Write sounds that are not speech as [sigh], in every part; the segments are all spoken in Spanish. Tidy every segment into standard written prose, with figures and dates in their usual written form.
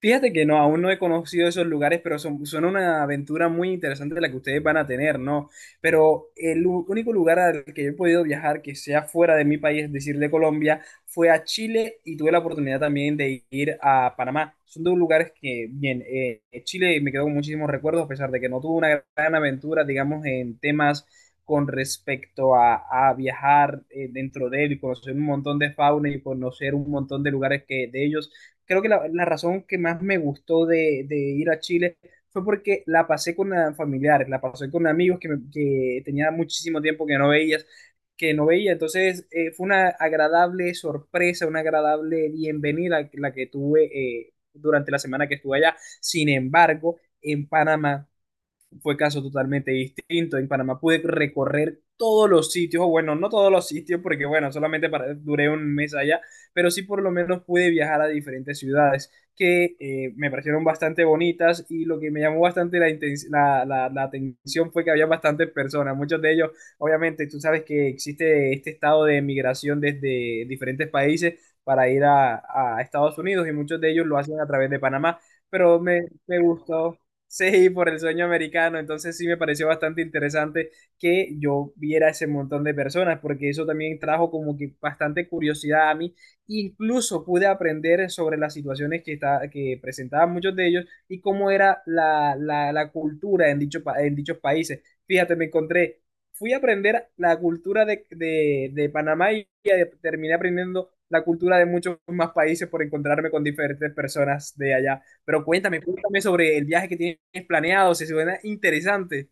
Fíjate que no, aún no he conocido esos lugares, pero son una aventura muy interesante la que ustedes van a tener, ¿no? Pero el único lugar al que yo he podido viajar que sea fuera de mi país, es decir, de Colombia, fue a Chile y tuve la oportunidad también de ir a Panamá. Son dos lugares que, bien, Chile me quedó con muchísimos recuerdos, a pesar de que no tuve una gran aventura, digamos, en temas con respecto a viajar dentro de él y conocer un montón de fauna y conocer un montón de lugares que de ellos creo que la razón que más me gustó de ir a Chile fue porque la pasé con familiares, la pasé con amigos que tenía muchísimo tiempo que no veías, que no veía. Entonces, fue una agradable sorpresa, una agradable bienvenida la que tuve durante la semana que estuve allá. Sin embargo, en Panamá fue caso totalmente distinto. En Panamá pude recorrer todos los sitios, o bueno, no todos los sitios, porque bueno, duré un mes allá, pero sí por lo menos pude viajar a diferentes ciudades que me parecieron bastante bonitas y lo que me llamó bastante la, inten- la- la atención fue que había bastantes personas, muchos de ellos, obviamente, tú sabes que existe este estado de migración desde diferentes países para ir a Estados Unidos y muchos de ellos lo hacen a través de Panamá, pero me gustó. Sí, por el sueño americano. Entonces sí me pareció bastante interesante que yo viera ese montón de personas, porque eso también trajo como que bastante curiosidad a mí. Incluso pude aprender sobre las situaciones que presentaban muchos de ellos y cómo era la cultura en dichos países. Fíjate, me encontré, fui a aprender la cultura de Panamá y terminé aprendiendo la cultura de muchos más países por encontrarme con diferentes personas de allá. Pero cuéntame, cuéntame sobre el viaje que tienes planeado, si suena interesante.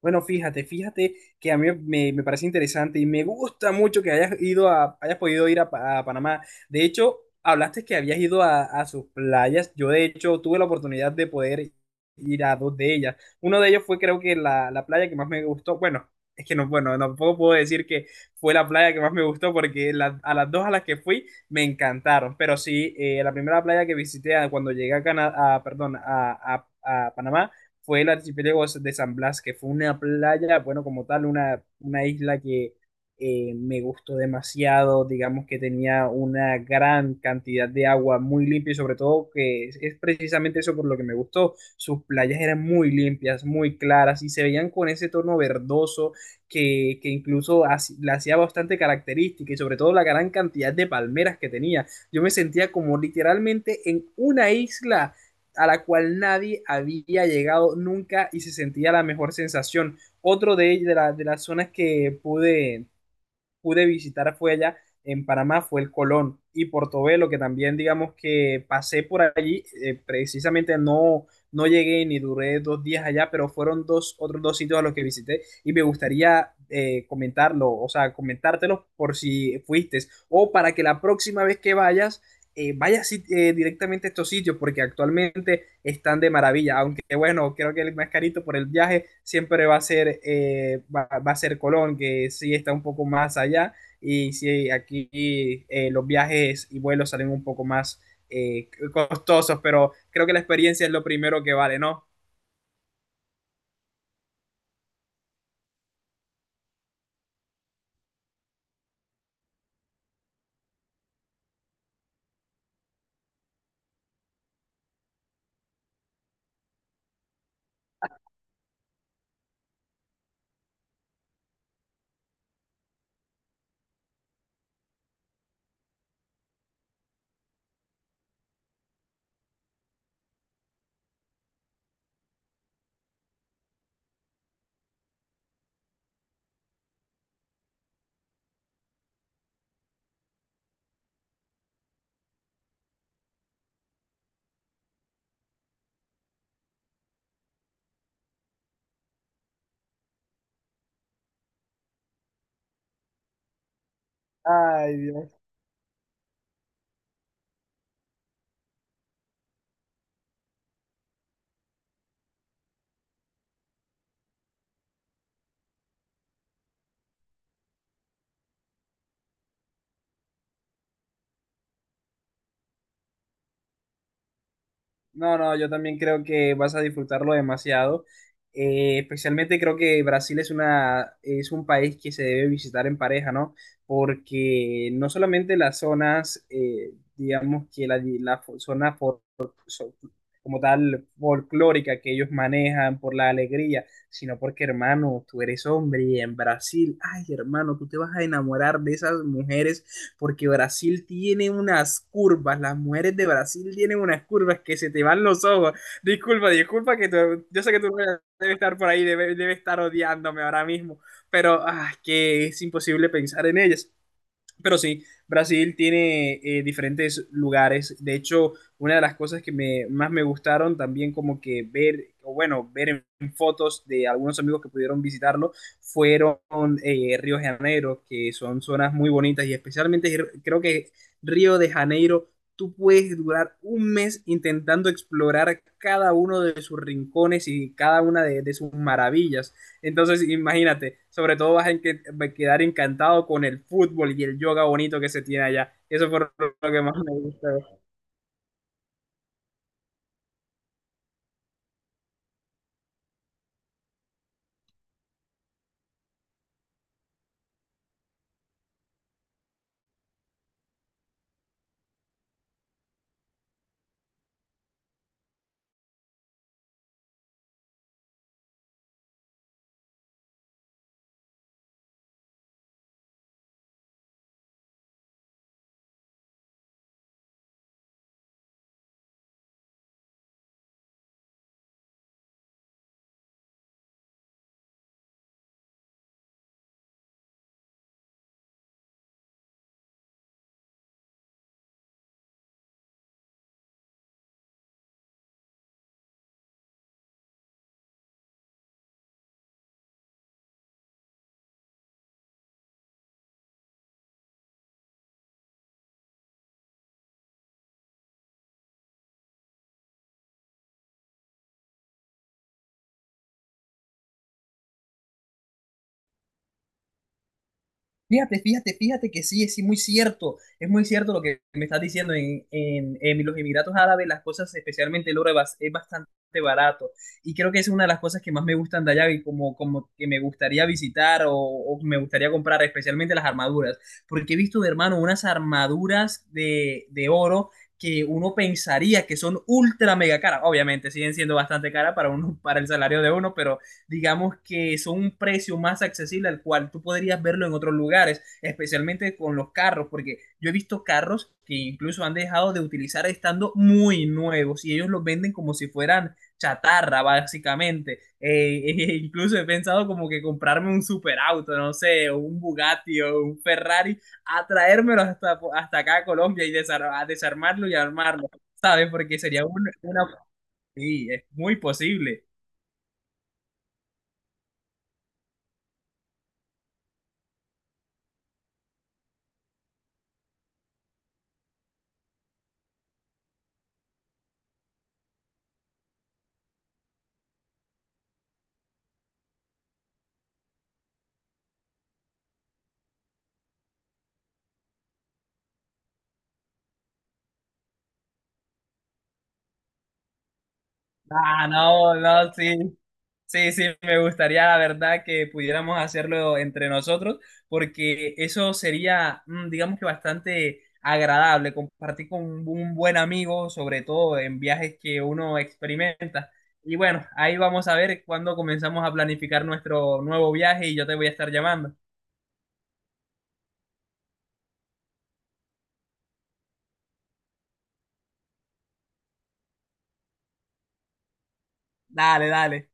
Bueno, fíjate, fíjate que a mí me parece interesante y me gusta mucho que hayas ido a, hayas podido ir a, a Panamá. De hecho, hablaste que habías ido a sus playas. Yo, de hecho, tuve la oportunidad de poder ir a dos de ellas. Uno de ellos fue, creo que la playa que más me gustó. Bueno, es que no, bueno, tampoco puedo decir que fue la playa que más me gustó porque a las dos a las que fui me encantaron. Pero sí, la primera playa que visité cuando llegué a perdón, a Panamá fue el archipiélago de San Blas, que fue una playa, bueno, como tal, una isla que me gustó demasiado, digamos que tenía una gran cantidad de agua muy limpia y sobre todo que es precisamente eso por lo que me gustó, sus playas eran muy limpias, muy claras y se veían con ese tono verdoso que incluso la hacía bastante característica y sobre todo la gran cantidad de palmeras que tenía. Yo me sentía como literalmente en una isla a la cual nadie había llegado nunca y se sentía la mejor sensación. Otro de las zonas que pude visitar fue allá en Panamá, fue el Colón y Portobelo, que también digamos que pasé por allí, precisamente no, no llegué ni duré dos días allá, pero fueron otros dos sitios a los que visité y me gustaría comentarlo, o sea, comentártelos por si fuiste o para que la próxima vez que vayas vaya directamente a estos sitios porque actualmente están de maravilla, aunque bueno, creo que el más carito por el viaje siempre va a ser, a ser Colón, que sí está un poco más allá y sí, aquí los viajes y vuelos salen un poco más costosos, pero creo que la experiencia es lo primero que vale, ¿no? Ay, Dios. No, no, yo también creo que vas a disfrutarlo demasiado. Especialmente creo que Brasil es un país que se debe visitar en pareja, ¿no? Porque no solamente las zonas, digamos que zona so- como tal folclórica que ellos manejan por la alegría, sino porque, hermano, tú eres hombre y en Brasil, ay, hermano, tú te vas a enamorar de esas mujeres porque Brasil tiene unas curvas, las mujeres de Brasil tienen unas curvas que se te van los ojos. Disculpa, disculpa que yo sé que tú debes estar por ahí, debe estar odiándome ahora mismo, pero que es imposible pensar en ellas. Pero sí, Brasil tiene diferentes lugares. De hecho, una de las cosas que más me gustaron también como que ver, o bueno, ver en fotos de algunos amigos que pudieron visitarlo, fueron Río de Janeiro, que son zonas muy bonitas y especialmente creo que Río de Janeiro, tú puedes durar un mes intentando explorar cada uno de sus rincones y cada una de sus maravillas. Entonces, imagínate, sobre todo vas a a quedar encantado con el fútbol y el yoga bonito que se tiene allá. Eso fue lo que más me gustó. Fíjate, fíjate, fíjate que sí, es sí, muy cierto, es muy cierto lo que me estás diciendo. En los Emiratos Árabes las cosas, especialmente el oro, es bastante barato. Y creo que es una de las cosas que más me gustan de allá y como, como que me gustaría visitar o me gustaría comprar, especialmente las armaduras. Porque he visto, de hermano, unas armaduras de oro que uno pensaría que son ultra mega caras. Obviamente siguen siendo bastante caras para, uno, para el salario de uno, pero digamos que son un precio más accesible al cual tú podrías verlo en otros lugares, especialmente con los carros, porque yo he visto carros que incluso han dejado de utilizar estando muy nuevos y ellos los venden como si fueran chatarra, básicamente. [laughs] Incluso he pensado como que comprarme un superauto, no sé, o un Bugatti o un Ferrari, a traérmelo hasta, hasta acá a Colombia y desarmarlo y armarlo, ¿sabes? Porque sería una... Sí, es muy posible. Ah, no, no, sí. Sí, sí, me gustaría, la verdad, que pudiéramos hacerlo entre nosotros, porque eso sería, mm, digamos que bastante agradable, compartir con un buen amigo, sobre todo en viajes que uno experimenta. Y bueno, ahí vamos a ver cuándo comenzamos a planificar nuestro nuevo viaje y yo te voy a estar llamando. Dale, dale.